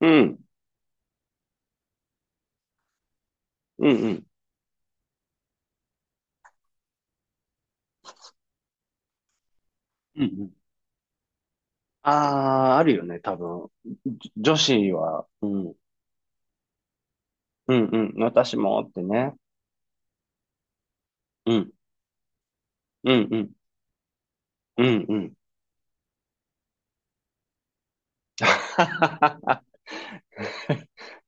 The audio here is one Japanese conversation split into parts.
うん、うん、うん。うんうん。ああ、あるよね、多分。じ女子は、うん、うん、うん、私もってね。うん、うん、うん、うん、うん。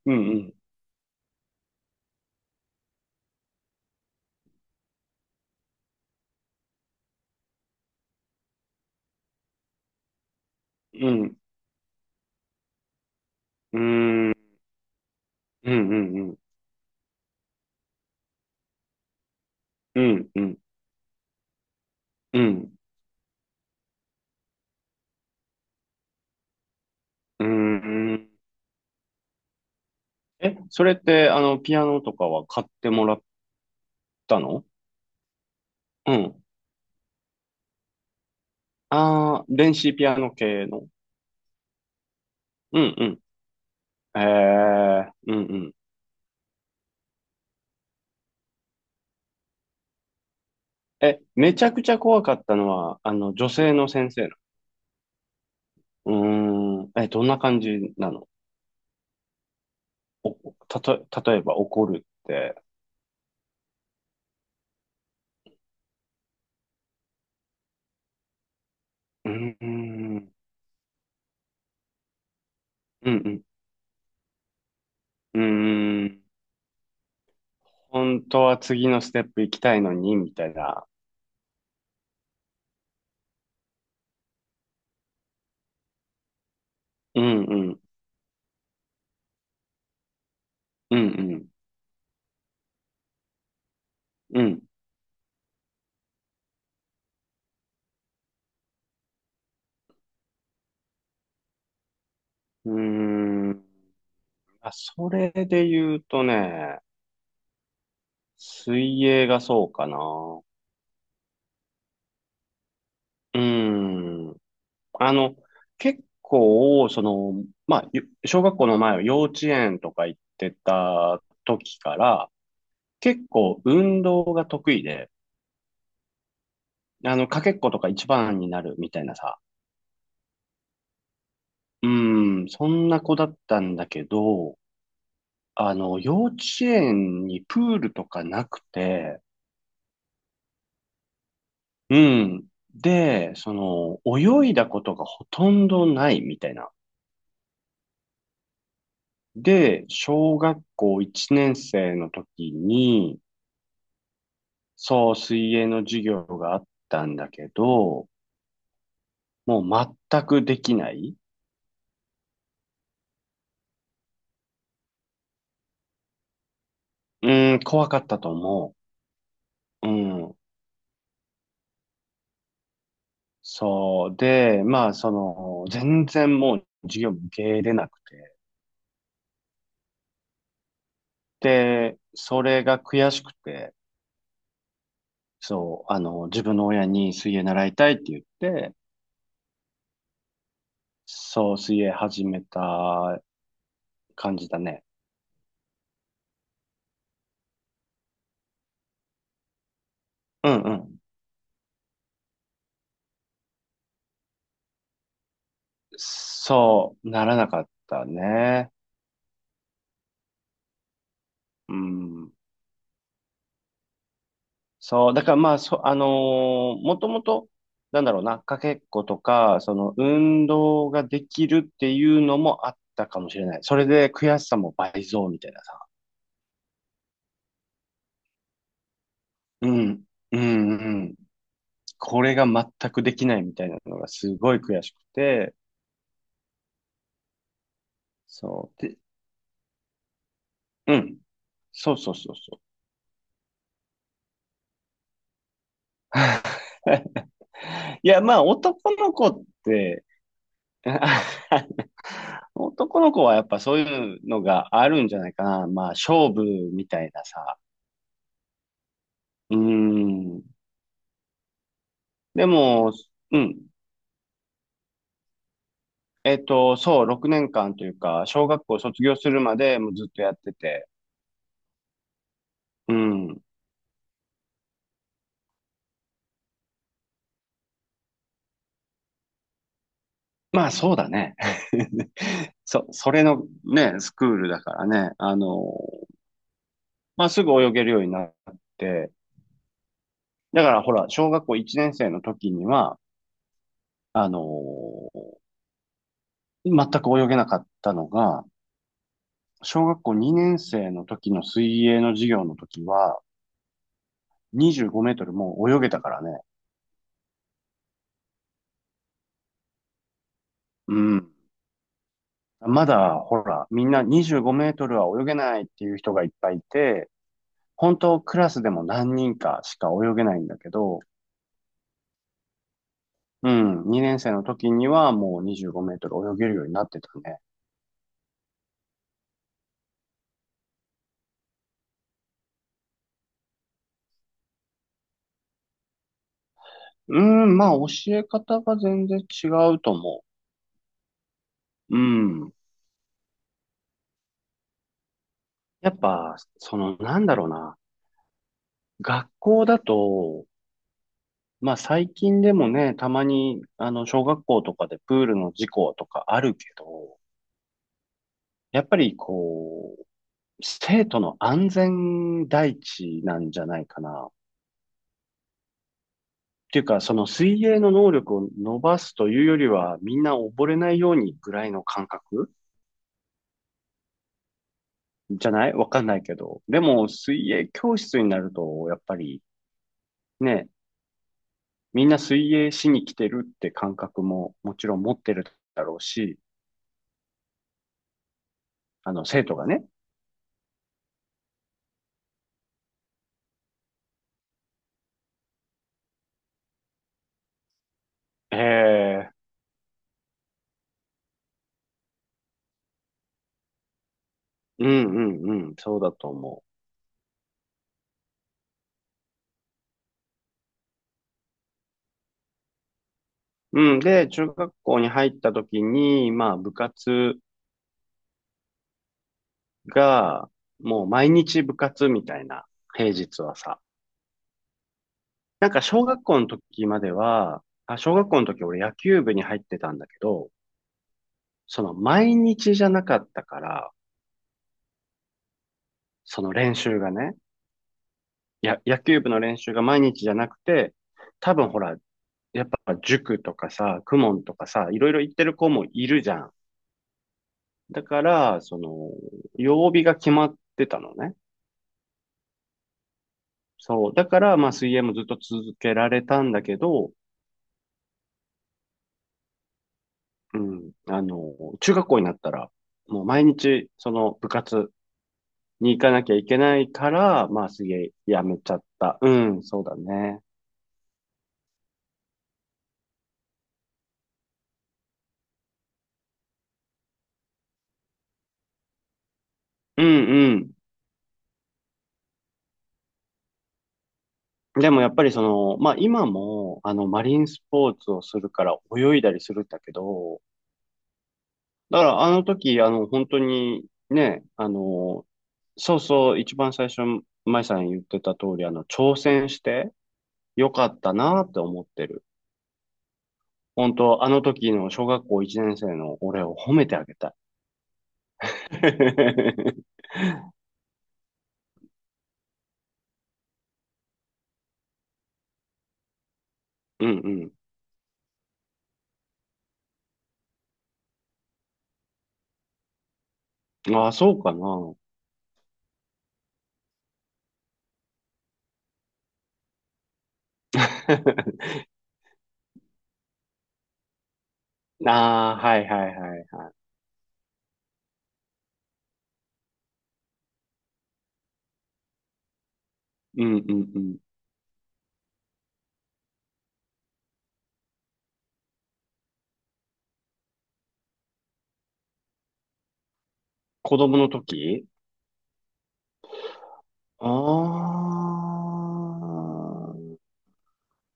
うん、うん、うん、うーん、うん、うん、うん、うん、うん、うーん。え、それって、あの、ピアノとかは買ってもらったの？うん。ああ、電子ピアノ系の。うん、うん。ええ、うん、うん。え、めちゃくちゃ怖かったのは、あの、女性の先生の。うーん、え、どんな感じなの？お、たと、例えば怒るって。うーん、うん、うん、うーん、本当は次のステップ行きたいのに、みたいな。うん、うん、うん、うん、うん。うーん、あ、それで言うとね、水泳がそうかな。うーん。あの、結構、その、まあ、ゆ小学校の前は幼稚園とか行ってた時から、結構運動が得意で、あの、かけっことか一番になるみたいなさ、うん、そんな子だったんだけど、あの、幼稚園にプールとかなくて、うん、で、その、泳いだことがほとんどないみたいな。で、小学校1年生の時に、そう、水泳の授業があったんだけど、もう全くできない。うん、怖かったと思う。うん。そう。で、まあ、その、全然もう授業も受け入れなくて。で、それが悔しくて、そう、あの、自分の親に水泳習いたいって言って、そう、水泳始めた感じだね。うんうん。そう、ならなかったね。うん。そう、だからまあ、そ、あのーもともと、なんだろうな、かけっことか、その、運動ができるっていうのもあったかもしれない。それで悔しさも倍増みたいなさ。うん、うん、うん。これが全くできないみたいなのがすごい悔しくて、そう。で、うん。そうそうそうそう。いや、まあ、男の子って、男の子はやっぱそういうのがあるんじゃないかな。まあ、勝負みたいなさ。うーん。でも、うん。えっと、そう、6年間というか、小学校卒業するまでもうずっとやってて。うん。まあ、そうだね。そ、それのね、スクールだからね。あの、まあ、すぐ泳げるようになって。だからほら、小学校1年生の時には、あの、全く泳げなかったのが、小学校2年生の時の水泳の授業の時は、25メートルもう泳げたからね。うん。まだ、ほら、みんな25メートルは泳げないっていう人がいっぱいいて、本当クラスでも何人かしか泳げないんだけど、うん、2年生の時にはもう25メートル泳げるようになってたね。うん、まあ教え方が全然違うと思う。うん。やっぱ、その、なんだろうな。学校だと、まあ最近でもね、たまにあの小学校とかでプールの事故とかあるけど、やっぱりこう、生徒の安全第一なんじゃないかな。っていうか、その水泳の能力を伸ばすというよりは、みんな溺れないようにぐらいの感覚じゃない？わかんないけど。でも水泳教室になると、やっぱりね、みんな水泳しに来てるって感覚ももちろん持ってるだろうし、あの生徒がね、へえうんうんうん、そうだと思う。うん、で、中学校に入った時に、まあ部活が、もう毎日部活みたいな、平日はさ。なんか小学校の時までは、あ、小学校の時俺野球部に入ってたんだけど、その毎日じゃなかったから、その練習がね、や、野球部の練習が毎日じゃなくて、多分ほら、やっぱ塾とかさ、公文とかさ、いろいろ行ってる子もいるじゃん。だから、その、曜日が決まってたのね。そう。だから、まあ、水泳もずっと続けられたんだけど、うん。あの、中学校になったら、もう毎日、その部活に行かなきゃいけないから、まあ、水泳やめちゃった。うん、そうだね。うんうん。でもやっぱりその、まあ今も、あの、マリンスポーツをするから泳いだりするんだけど、だからあの時、あの、本当にね、あの、そうそう、一番最初、舞さん言ってた通り、あの、挑戦してよかったなって思ってる。本当、あの時の小学校1年生の俺を褒めてあげたい。うんうん。ああ、そうかな。ああ、はいはいはい。うんうんうん。子供の時ああー、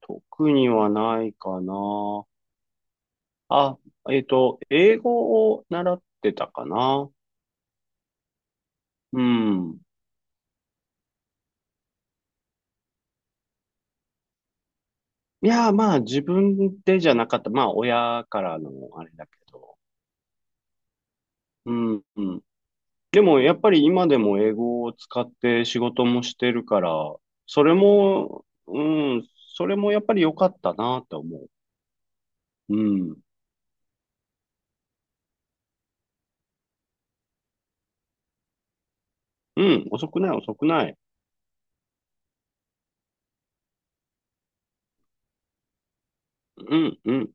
特にはないかな。あ、えっと、英語を習ってたかな。うん。いや、まあ自分でじゃなかった。まあ親からのあれだけど。うん、うん。でもやっぱり今でも英語を使って仕事もしてるから、それも、うん、それもやっぱり良かったなと思う。うん。うん、遅くない、遅くない。うん、うん。